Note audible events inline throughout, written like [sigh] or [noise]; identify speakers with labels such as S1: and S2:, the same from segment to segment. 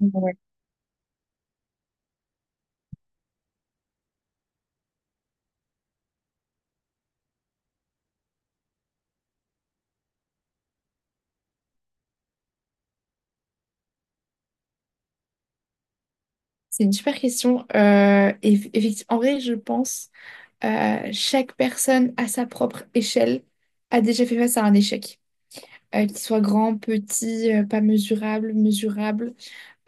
S1: Ouais. C'est une super question. En vrai, je pense chaque personne à sa propre échelle a déjà fait face à un échec. Qu'il soit grand, petit, pas mesurable, mesurable,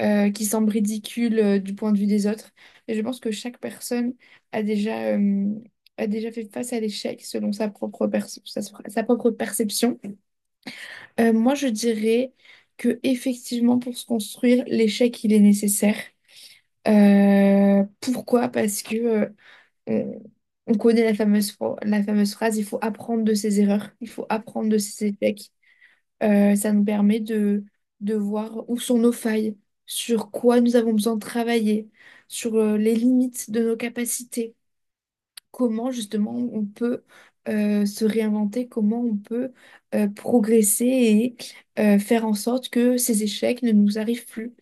S1: qui semble ridicule du point de vue des autres. Et je pense que chaque personne a déjà, euh, a déjà fait face à l'échec selon sa propre perception. Moi, je dirais que effectivement, pour se construire, l'échec, il est nécessaire. Pourquoi? Parce que euh, on, on connaît la la fameuse phrase: il faut apprendre de ses erreurs, il faut apprendre de ses échecs. Ça nous permet de voir où sont nos failles, sur quoi nous avons besoin de travailler, sur les limites de nos capacités, comment justement on peut se réinventer, comment on peut progresser et faire en sorte que ces échecs ne nous arrivent plus.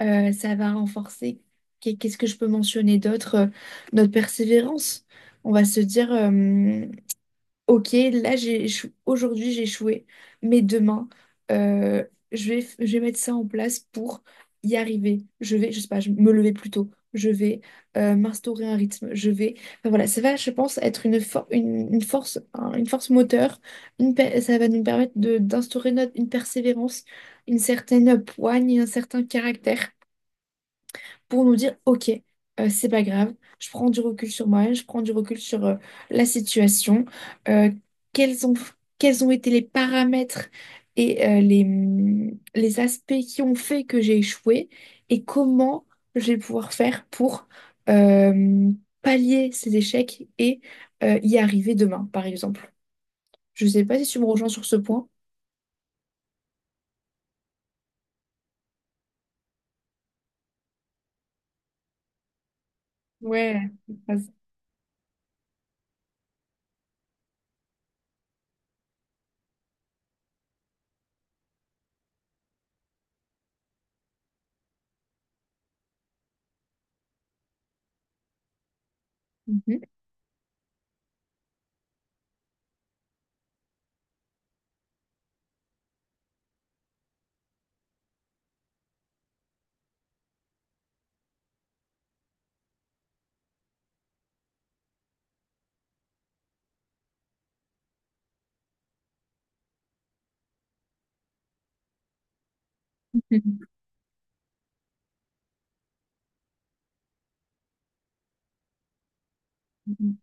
S1: Ça va renforcer. Qu'est-ce que je peux mentionner d'autre? Notre persévérance. On va se dire, ok, là, aujourd'hui, j'ai échoué, mais demain, euh, je vais mettre ça en place pour y arriver. Je vais, je sais pas, me lever plus tôt. Je vais m'instaurer un rythme. Je vais. Enfin, voilà, ça va, je pense, être une force, une force moteur. Ça va nous permettre d'instaurer une persévérance, une certaine poigne, et un certain caractère pour nous dire, OK, c'est pas grave, je prends du recul sur moi, je prends du recul sur la situation, euh, quels ont, quels ont été les paramètres et les aspects qui ont fait que j'ai échoué et comment je vais pouvoir faire pour euh, pallier ces échecs et y arriver demain, par exemple. Je sais pas si tu me rejoins sur ce point. Ouais. Mhm. [laughs] Mhm.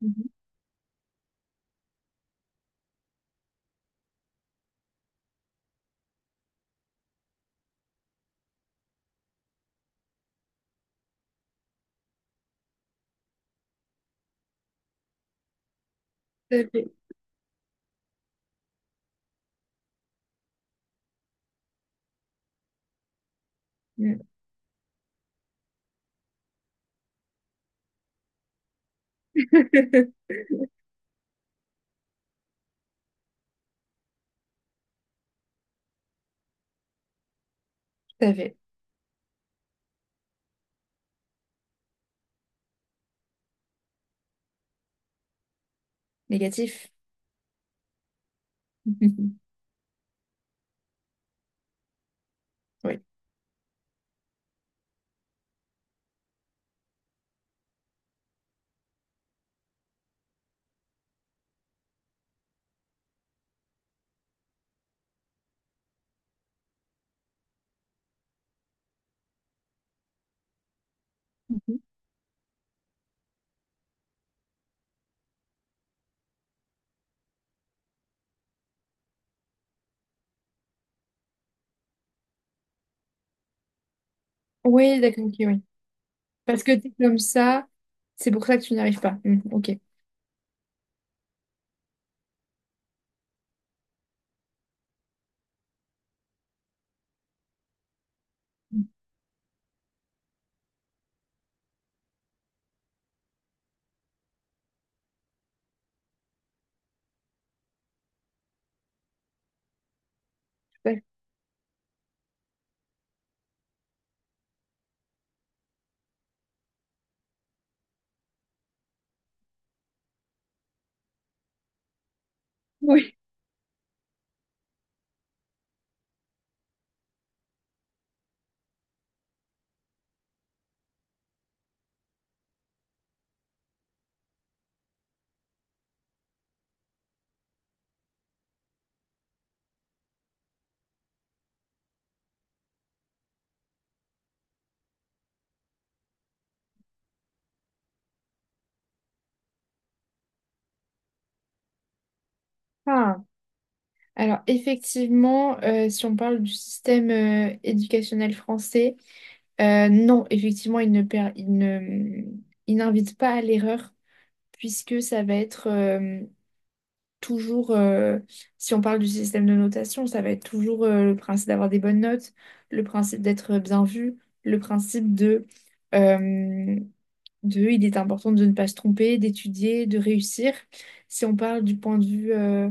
S1: Mhm. Tout à fait. Mhm. [laughs] Tout à fait. Négatif. [laughs] Oui. Mhm. Oui, d'accord, ok, oui. Parce que t'es comme ça, c'est pour ça que tu n'y arrives pas. Hmm, ok. Ouais. Oui. Ah. Alors, effectivement, si on parle du système éducationnel français, non, effectivement, il ne, per- il ne, il n'invite pas à l'erreur, puisque ça va être, toujours, si on parle du système de notation, ça va être toujours le principe d'avoir des bonnes notes, le principe d'être bien vu, le principe euh, de il est important de ne pas se tromper, d'étudier, de réussir. Si on parle du point de vue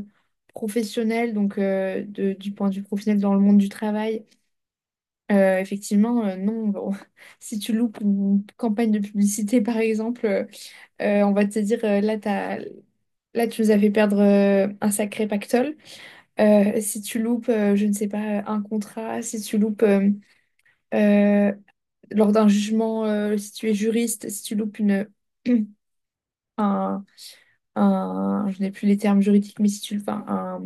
S1: professionnel, donc du point de vue professionnel dans le monde du travail, effectivement, non, bon, [laughs] si tu loupes une campagne de publicité, par exemple, on va te dire, là, tu nous as fait perdre un sacré pactole. Si tu loupes, je ne sais pas, un contrat, si tu loupes euh, lors d'un jugement, si tu es juriste, si tu loupes [clears throat] un, je n'ai plus les termes juridiques, mais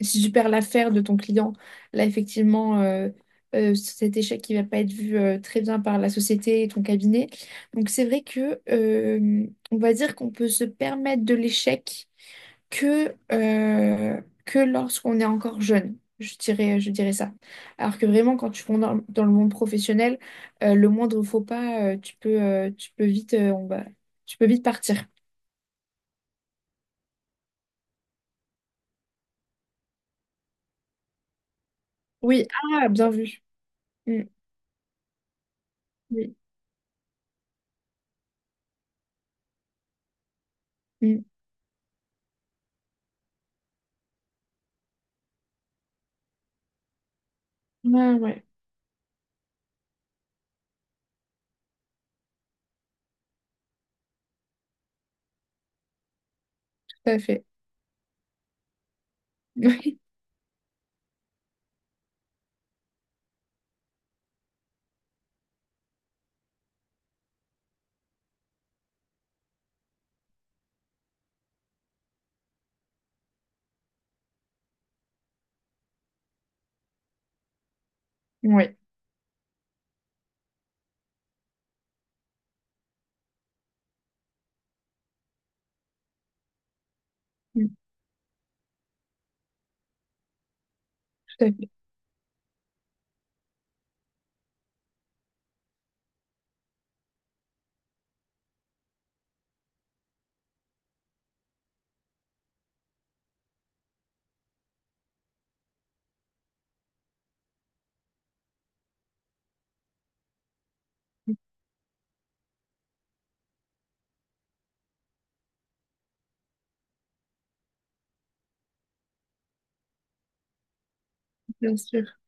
S1: si tu perds l'affaire de ton client, là, effectivement, cet échec qui va pas être vu très bien par la société et ton cabinet. Donc, c'est vrai que, on va dire qu'on peut se permettre de l'échec que lorsqu'on est encore jeune, je dirais ça. Alors que vraiment, quand tu vas dans le monde professionnel, le moindre faux pas, tu peux vite, tu peux vite partir. Oui, ah, bien vu. Mm, oui, mm. Ah, ouais, tout à fait. [laughs] Oui, ouais, mm, tout à fait, bien sûr.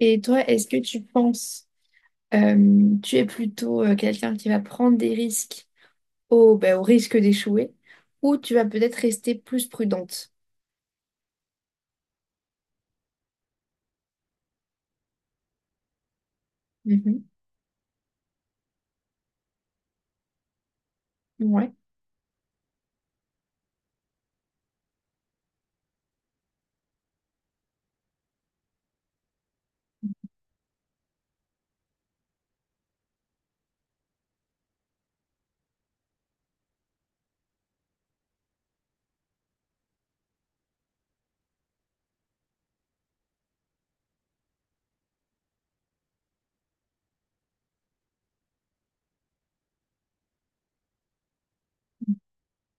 S1: Et toi, est-ce que tu penses, tu es plutôt quelqu'un qui va prendre des risques au, bah au risque d'échouer, ou tu vas peut-être rester plus prudente? Ouais,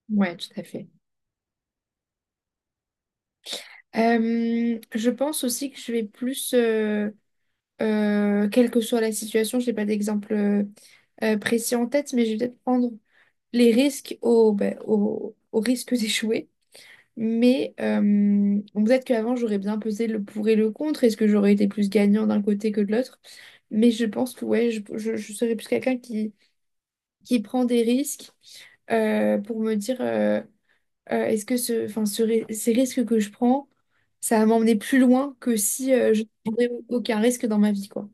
S1: ouais, tout à fait. Je pense aussi que je vais plus, quelle que soit la situation, j'ai pas d'exemple précis en tête, mais je vais peut-être prendre les risques au risque [laughs] d'échouer. Mais bon, peut-être qu'avant, j'aurais bien pesé le pour et le contre. Est-ce que j'aurais été plus gagnant d'un côté que de l'autre? Mais je pense que ouais, je serais plus quelqu'un qui prend des risques pour me dire. Euh, est-ce que ce, enfin, ce ri- ces risques que je prends, ça va m'emmener plus loin que si je ne aucun risque dans ma vie, quoi.